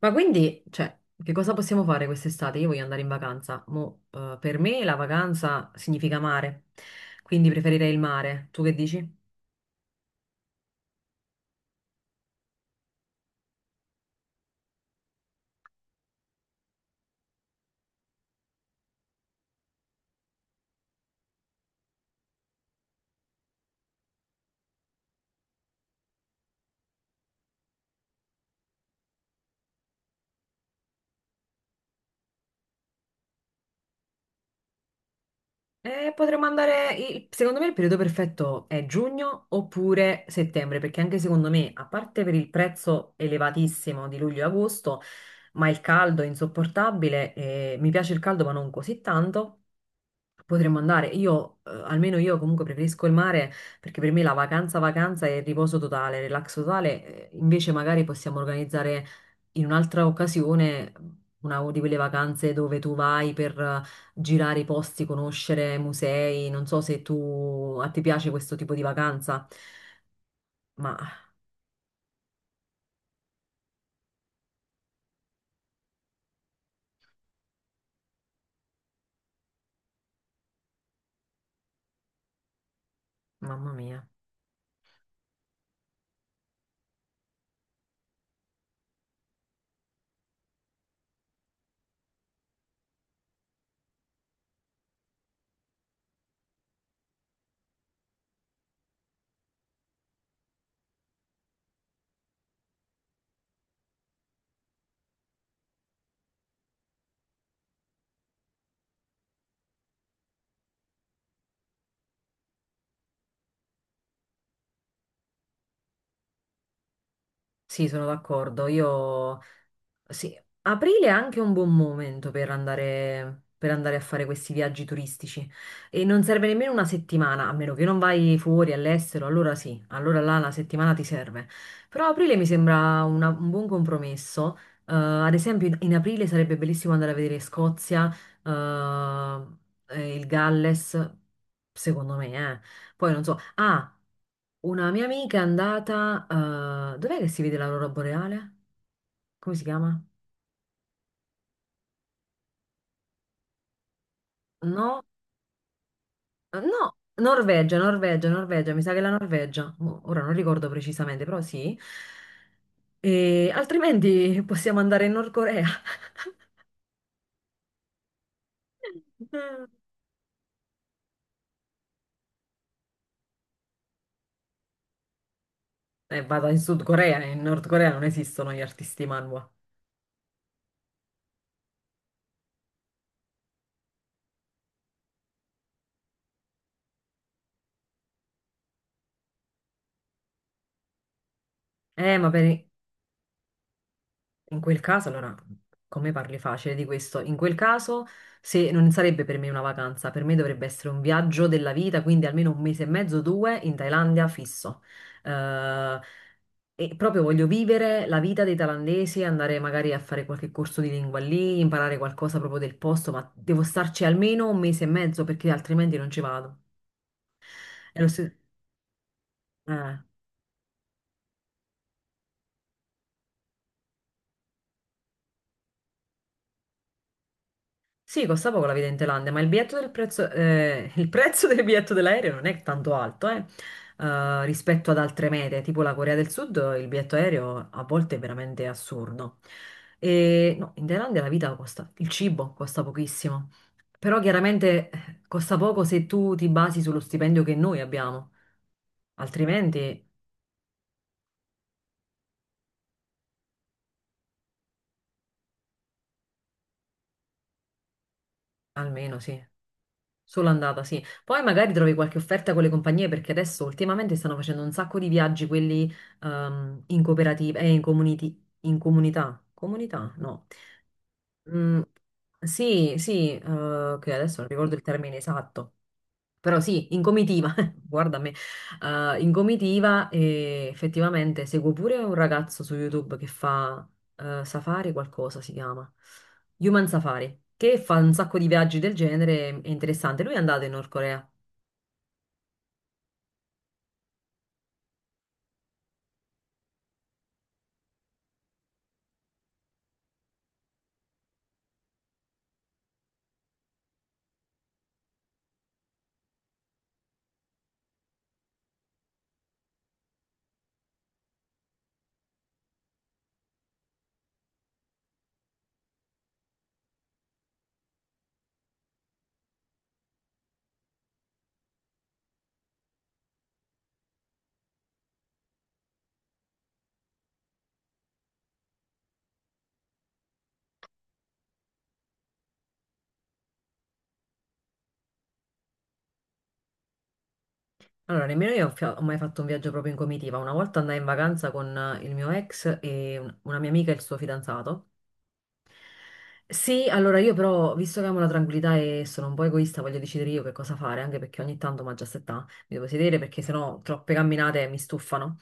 Ma quindi, cioè, che cosa possiamo fare quest'estate? Io voglio andare in vacanza. Mo, per me la vacanza significa mare, quindi preferirei il mare. Tu che dici? Potremmo andare, secondo me il periodo perfetto è giugno oppure settembre, perché anche secondo me, a parte per il prezzo elevatissimo di luglio e agosto, ma il caldo è insopportabile, mi piace il caldo ma non così tanto. Potremmo andare, almeno io comunque preferisco il mare perché per me la vacanza è riposo totale, relax totale, invece magari possiamo organizzare in un'altra occasione una di quelle vacanze dove tu vai per girare i posti, conoscere musei, non so se tu, a te piace questo tipo di vacanza, ma mamma mia, sì, sono d'accordo, io. Sì, aprile è anche un buon momento per andare a fare questi viaggi turistici e non serve nemmeno una settimana, a meno che non vai fuori all'estero, allora sì, allora là una settimana ti serve. Però aprile mi sembra un buon compromesso. Ad esempio in aprile sarebbe bellissimo andare a vedere Scozia, eh, e il Galles, secondo me, eh. Poi non so, ah, una mia amica è andata, dov'è che si vede l'aurora boreale? Come si chiama? No, no, Norvegia, Norvegia, Norvegia, mi sa che è la Norvegia. Mo- Ora non ricordo precisamente, però sì. E altrimenti possiamo andare in Nord Corea. E vado in Sud Corea, in Nord Corea non esistono gli artisti manhwa. Ma per... In quel caso, allora, come parli facile di questo? In quel caso, se non sarebbe per me una vacanza, per me dovrebbe essere un viaggio della vita, quindi almeno un mese e mezzo, due in Thailandia fisso. Eh, e proprio voglio vivere la vita dei thailandesi, andare magari a fare qualche corso di lingua lì, imparare qualcosa proprio del posto, ma devo starci almeno un mese e mezzo perché altrimenti non ci vado. È lo stesso. Sì, costa poco la vita in Thailandia, ma il biglietto del prezzo, il prezzo del biglietto dell'aereo non è tanto alto, rispetto ad altre mete, tipo la Corea del Sud, il biglietto aereo a volte è veramente assurdo. E no, in Thailandia la vita costa, il cibo costa pochissimo, però chiaramente costa poco se tu ti basi sullo stipendio che noi abbiamo, altrimenti almeno sì. Solo andata, sì. Poi magari trovi qualche offerta con le compagnie perché adesso ultimamente stanno facendo un sacco di viaggi, quelli in cooperativa, in community, in comunità. Comunità? No. Mm, sì, sì, che adesso non ricordo il termine esatto, però sì, in comitiva, guarda me, in comitiva e effettivamente seguo pure un ragazzo su YouTube che fa Safari qualcosa si chiama, Human Safari, che fa un sacco di viaggi del genere, è interessante, lui è andato in Nord Corea. Allora, nemmeno io ho, fia- ho mai fatto un viaggio proprio in comitiva. Una volta andai in vacanza con il mio ex e una mia amica e il suo fidanzato. Sì, allora io però, visto che amo la tranquillità e sono un po' egoista, voglio decidere io che cosa fare, anche perché ogni tanto, ma già settà, mi devo sedere perché sennò troppe camminate mi stufano.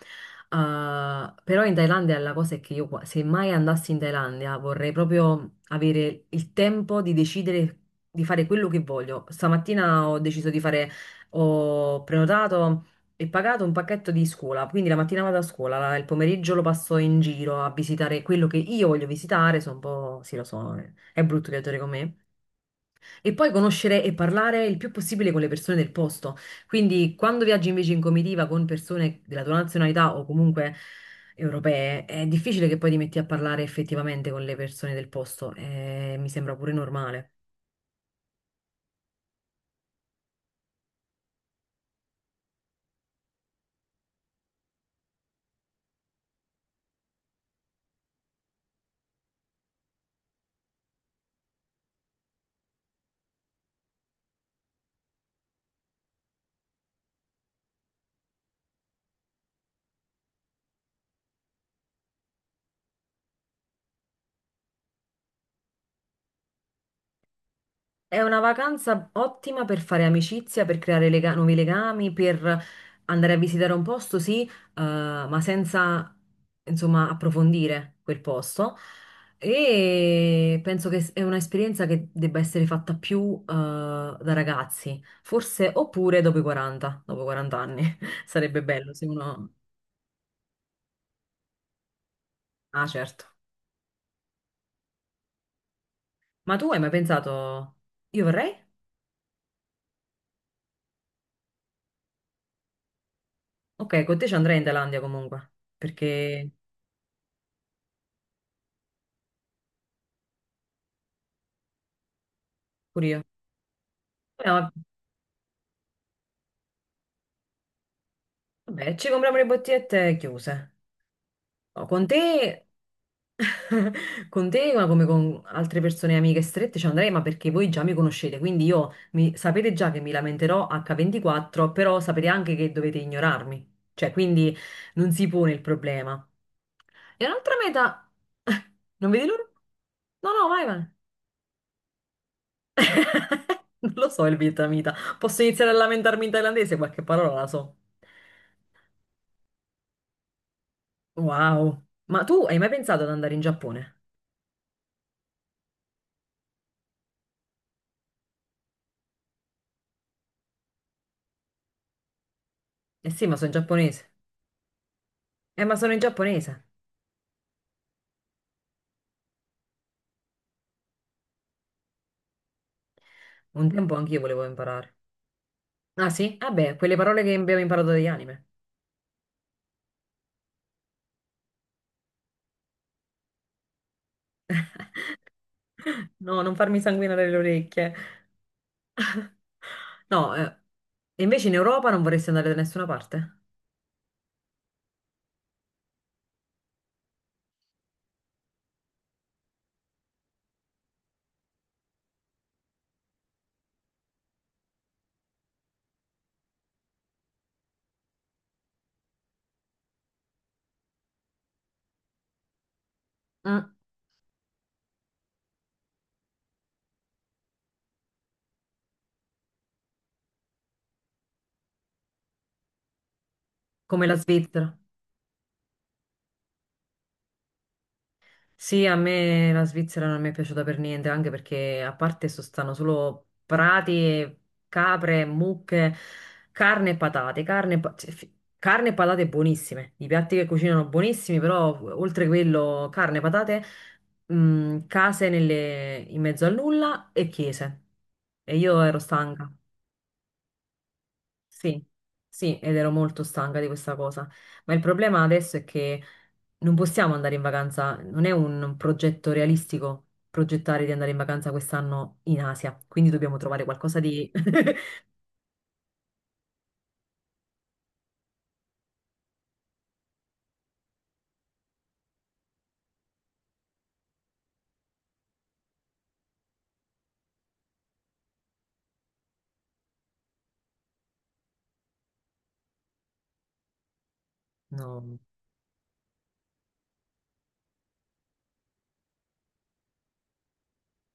Però in Thailandia la cosa è che io, qua- se mai andassi in Thailandia, vorrei proprio avere il tempo di decidere di fare quello che voglio. Stamattina ho deciso di fare, ho prenotato e pagato un pacchetto di scuola, quindi la mattina vado a scuola, il pomeriggio lo passo in giro a visitare quello che io voglio visitare, sono un po', sì lo so, eh. È brutto viaggiare con me. E poi conoscere e parlare il più possibile con le persone del posto. Quindi quando viaggi invece in comitiva con persone della tua nazionalità o comunque europee, è difficile che poi ti metti a parlare effettivamente con le persone del posto. Mi sembra pure normale. È una vacanza ottima per fare amicizia, per creare nuovi legami, per andare a visitare un posto, sì, ma senza, insomma, approfondire quel posto. E penso che è un'esperienza che debba essere fatta più, da ragazzi, forse oppure dopo i 40, dopo i 40 anni. Sarebbe bello se uno... Ah, certo. Ma tu hai mai pensato, io vorrei? Ok, con te ci andrei in Thailandia comunque, perché pure io. Ma vabbè, ci compriamo le bottigliette chiuse. No, con te, con te, ma come con altre persone amiche strette, ci andrei, ma perché voi già mi conoscete, quindi sapete già che mi lamenterò H24, però sapete anche che dovete ignorarmi. Cioè, quindi non si pone il problema. E un'altra meta... Non vedi l'ora? No, no, vai, vai. Non lo so il vietnamita. Posso iniziare a lamentarmi in thailandese? Qualche parola la so. Wow. Ma tu hai mai pensato ad andare in Giappone? Eh sì, ma sono in giapponese. Ma sono in giapponese. Un tempo anch'io volevo imparare. Ah sì? Ah beh, quelle parole che abbiamo imparato dagli anime. No, non farmi sanguinare le orecchie. No, e invece in Europa non vorresti andare da nessuna parte? Mm, come la Svizzera. Sì, a me la Svizzera non mi è piaciuta per niente, anche perché a parte sostanno solo prati, e capre, mucche, carne e patate, carne, cioè, carne e patate buonissime, i piatti che cucinano buonissimi, però oltre quello carne, patate, case in mezzo a nulla e chiese. E io ero stanca. Sì, sì, ed ero molto stanca di questa cosa. Ma il problema adesso è che non possiamo andare in vacanza, non è un progetto realistico progettare di andare in vacanza quest'anno in Asia, quindi dobbiamo trovare qualcosa di... No.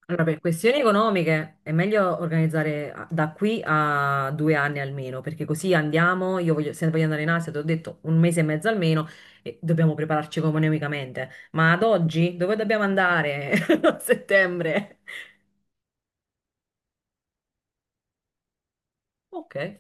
Allora, per questioni economiche è meglio organizzare da qui a due anni almeno, perché così andiamo, io voglio, se voglio andare in Asia, ti ho detto un mese e mezzo almeno, e dobbiamo prepararci economicamente. Ma ad oggi dove dobbiamo andare a settembre? Ok,